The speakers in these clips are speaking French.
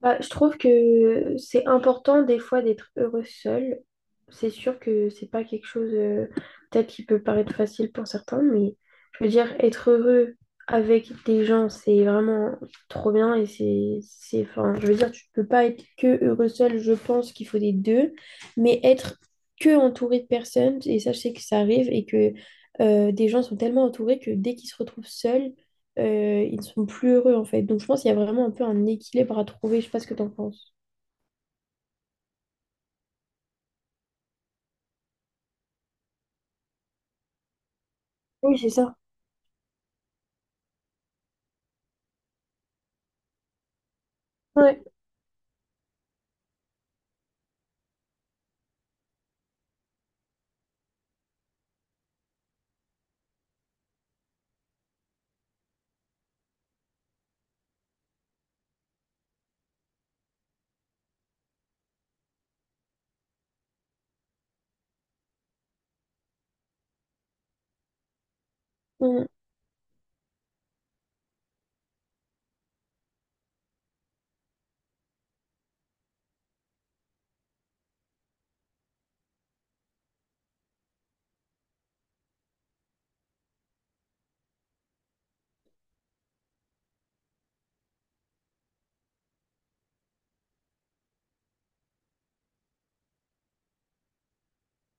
Bah, je trouve que c'est important des fois d'être heureux seul. C'est sûr que c'est pas quelque chose peut-être qui peut paraître facile pour certains, mais je veux dire, être heureux avec des gens, c'est vraiment trop bien et c'est, enfin, je veux dire, tu peux pas être que heureux seul, je pense qu'il faut des deux, mais être que entouré de personnes, et ça, je sais que ça arrive et que des gens sont tellement entourés que dès qu'ils se retrouvent seuls, ils ne sont plus heureux en fait. Donc je pense qu'il y a vraiment un peu un équilibre à trouver. Je sais pas ce que tu en penses. Oui, c'est ça. Ouais, mm,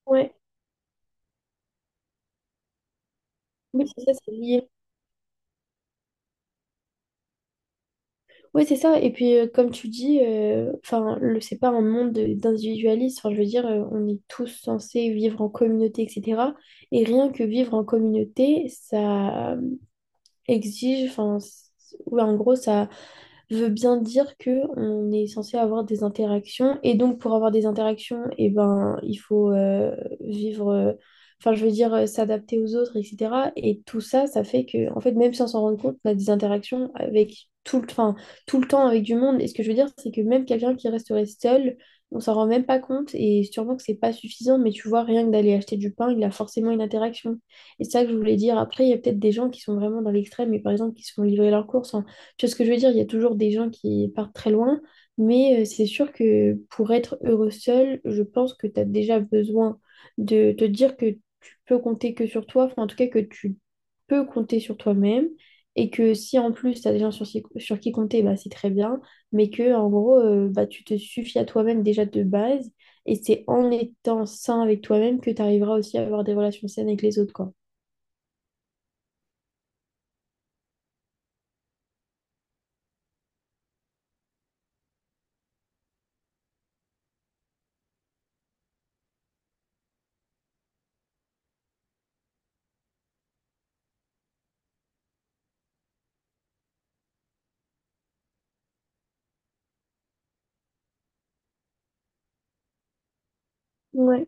ouais, oui, c'est ça, c'est lié. Oui, c'est ça. Et puis, comme tu dis, enfin, le, c'est pas un monde d'individualisme. Enfin, je veux dire, on est tous censés vivre en communauté, etc. Et rien que vivre en communauté, ça exige, enfin, ouais, en gros, ça. Veut bien dire que on est censé avoir des interactions et donc pour avoir des interactions et ben il faut vivre enfin je veux dire s'adapter aux autres etc et tout ça ça fait que en fait même sans s'en rendre compte on a des interactions avec tout le enfin, tout le temps avec du monde et ce que je veux dire c'est que même quelqu'un qui resterait seul on s'en rend même pas compte et sûrement que c'est pas suffisant mais tu vois rien que d'aller acheter du pain il a forcément une interaction et c'est ça que je voulais dire après il y a peut-être des gens qui sont vraiment dans l'extrême et par exemple qui se font livrer leurs courses tu vois ce que je veux dire? Il y a toujours des gens qui partent très loin, mais c'est sûr que pour être heureux seul, je pense que tu as déjà besoin de te dire que tu peux compter que sur toi, enfin en tout cas que tu peux compter sur toi-même, et que si en plus tu as des gens sur qui compter, bah, c'est très bien, mais que en gros, bah, tu te suffis à toi-même déjà de base, et c'est en étant sain avec toi-même que tu arriveras aussi à avoir des relations saines avec les autres, quoi. Ouais,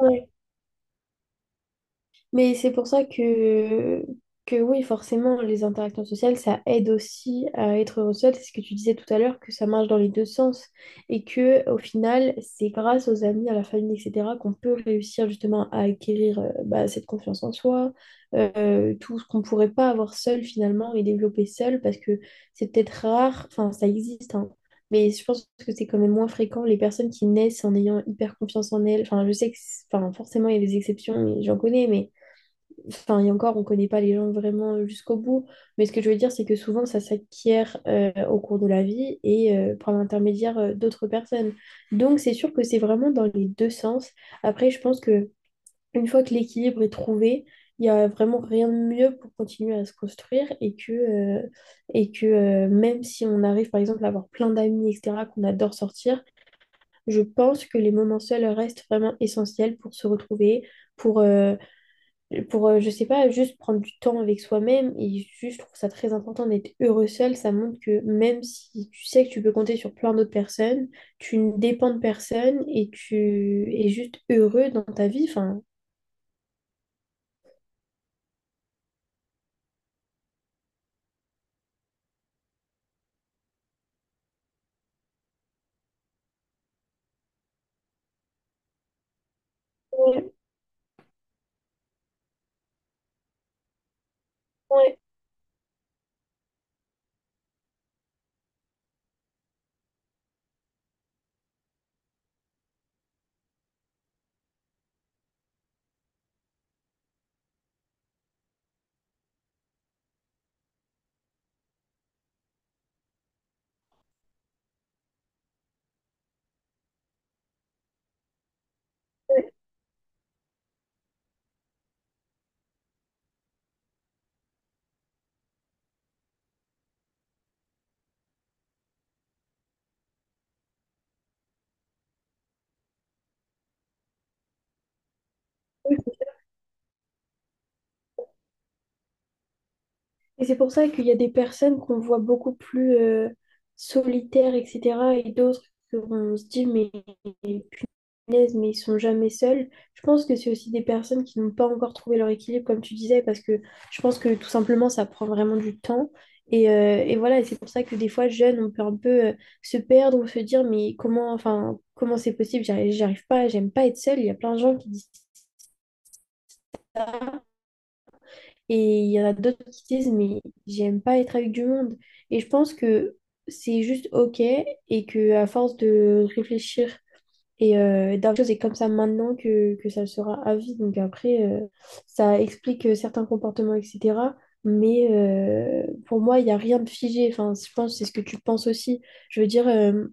ouais, mais c'est pour ça que oui, forcément, les interactions sociales, ça aide aussi à être heureux seul. C'est ce que tu disais tout à l'heure, que ça marche dans les deux sens. Et que au final, c'est grâce aux amis, à la famille, etc., qu'on peut réussir justement à acquérir bah, cette confiance en soi, tout ce qu'on ne pourrait pas avoir seul finalement et développer seul, parce que c'est peut-être rare, enfin ça existe, hein, mais je pense que c'est quand même moins fréquent les personnes qui naissent en ayant hyper confiance en elles. Enfin, je sais que, enfin, forcément, il y a des exceptions, et j'en connais, mais enfin, et encore, on ne connaît pas les gens vraiment jusqu'au bout, mais ce que je veux dire, c'est que souvent, ça s'acquiert au cours de la vie et par l'intermédiaire d'autres personnes. Donc, c'est sûr que c'est vraiment dans les deux sens. Après, je pense que une fois que l'équilibre est trouvé, il n'y a vraiment rien de mieux pour continuer à se construire et que même si on arrive, par exemple, à avoir plein d'amis, etc., qu'on adore sortir, je pense que les moments seuls restent vraiment essentiels pour se retrouver, pour, euh, et pour, je sais pas, juste prendre du temps avec soi-même. Et juste, je trouve ça très important d'être heureux seul. Ça montre que même si tu sais que tu peux compter sur plein d'autres personnes, tu ne dépends de personne et tu es juste heureux dans ta vie. Enfin, ouais, ouais, ouais, ouais, et c'est pour ça qu'il y a des personnes qu'on voit beaucoup plus solitaires, etc. Et d'autres qu'on se dit, mais l'aise, mais ils sont jamais seuls. Je pense que c'est aussi des personnes qui n'ont pas encore trouvé leur équilibre, comme tu disais, parce que je pense que tout simplement, ça prend vraiment du temps. Et voilà, et c'est pour ça que des fois, jeunes, on peut un peu se perdre ou se dire, mais comment, enfin, comment c'est possible? J'arrive, J'arrive pas, j'aime pas être seule. Il y a plein de gens qui disent, et il y en a d'autres qui disent, mais j'aime pas être avec du monde. Et je pense que c'est juste OK et que à force de réfléchir et Dark Chose est comme ça maintenant que ça le sera à vie. Donc après, ça explique certains comportements, etc. Mais pour moi, il n'y a rien de figé. Enfin, je pense que c'est ce que tu penses aussi. Je veux dire,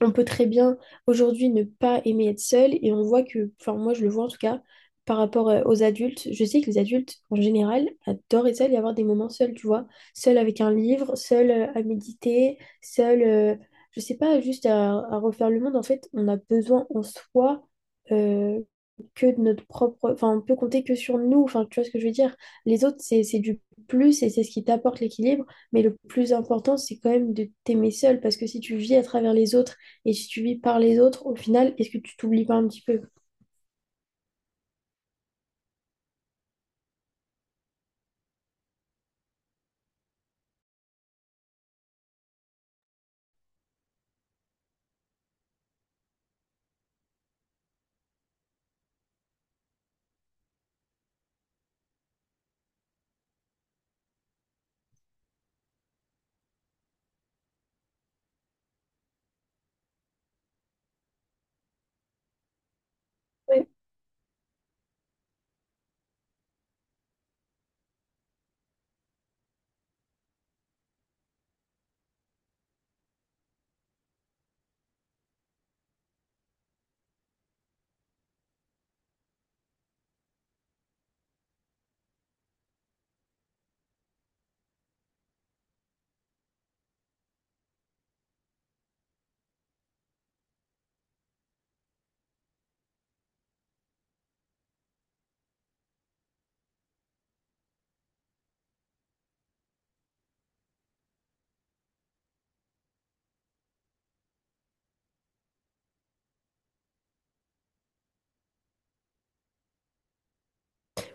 on peut très bien aujourd'hui ne pas aimer être seul et on voit que, enfin moi je le vois en tout cas par rapport aux adultes, je sais que les adultes en général adorent être seuls et avoir des moments seuls, tu vois, seuls avec un livre, seuls à méditer, seuls, je sais pas, juste à refaire le monde. En fait, on a besoin en soi euh, que de notre propre, enfin on peut compter que sur nous, enfin tu vois ce que je veux dire. Les autres c'est du plus et c'est ce qui t'apporte l'équilibre, mais le plus important c'est quand même de t'aimer seul parce que si tu vis à travers les autres et suivi par les autres, au final, est-ce que tu t'oublies pas un petit peu? Ouais.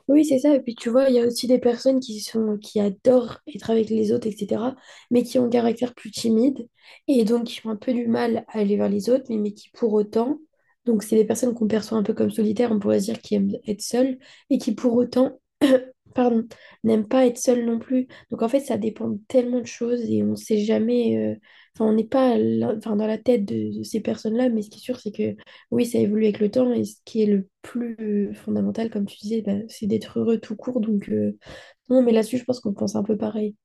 Oui, c'est ça. Et puis tu vois, il y a aussi des personnes qui sont, qui adorent être avec les autres, etc., mais qui ont un caractère plus timide et donc qui ont un peu du mal à aller vers les autres, mais qui pour autant, donc c'est des personnes qu'on perçoit un peu comme solitaires, on pourrait se dire qui aiment être seules et qui pour autant pardon, n'aime pas être seul non plus. Donc en fait, ça dépend de tellement de choses et on sait jamais. Enfin, on n'est pas là- enfin, dans la tête de ces personnes-là, mais ce qui est sûr, c'est que oui, ça évolue avec le temps et ce qui est le plus fondamental, comme tu disais, bah, c'est d'être heureux tout court. Donc non, mais là-dessus, je pense qu'on pense un peu pareil.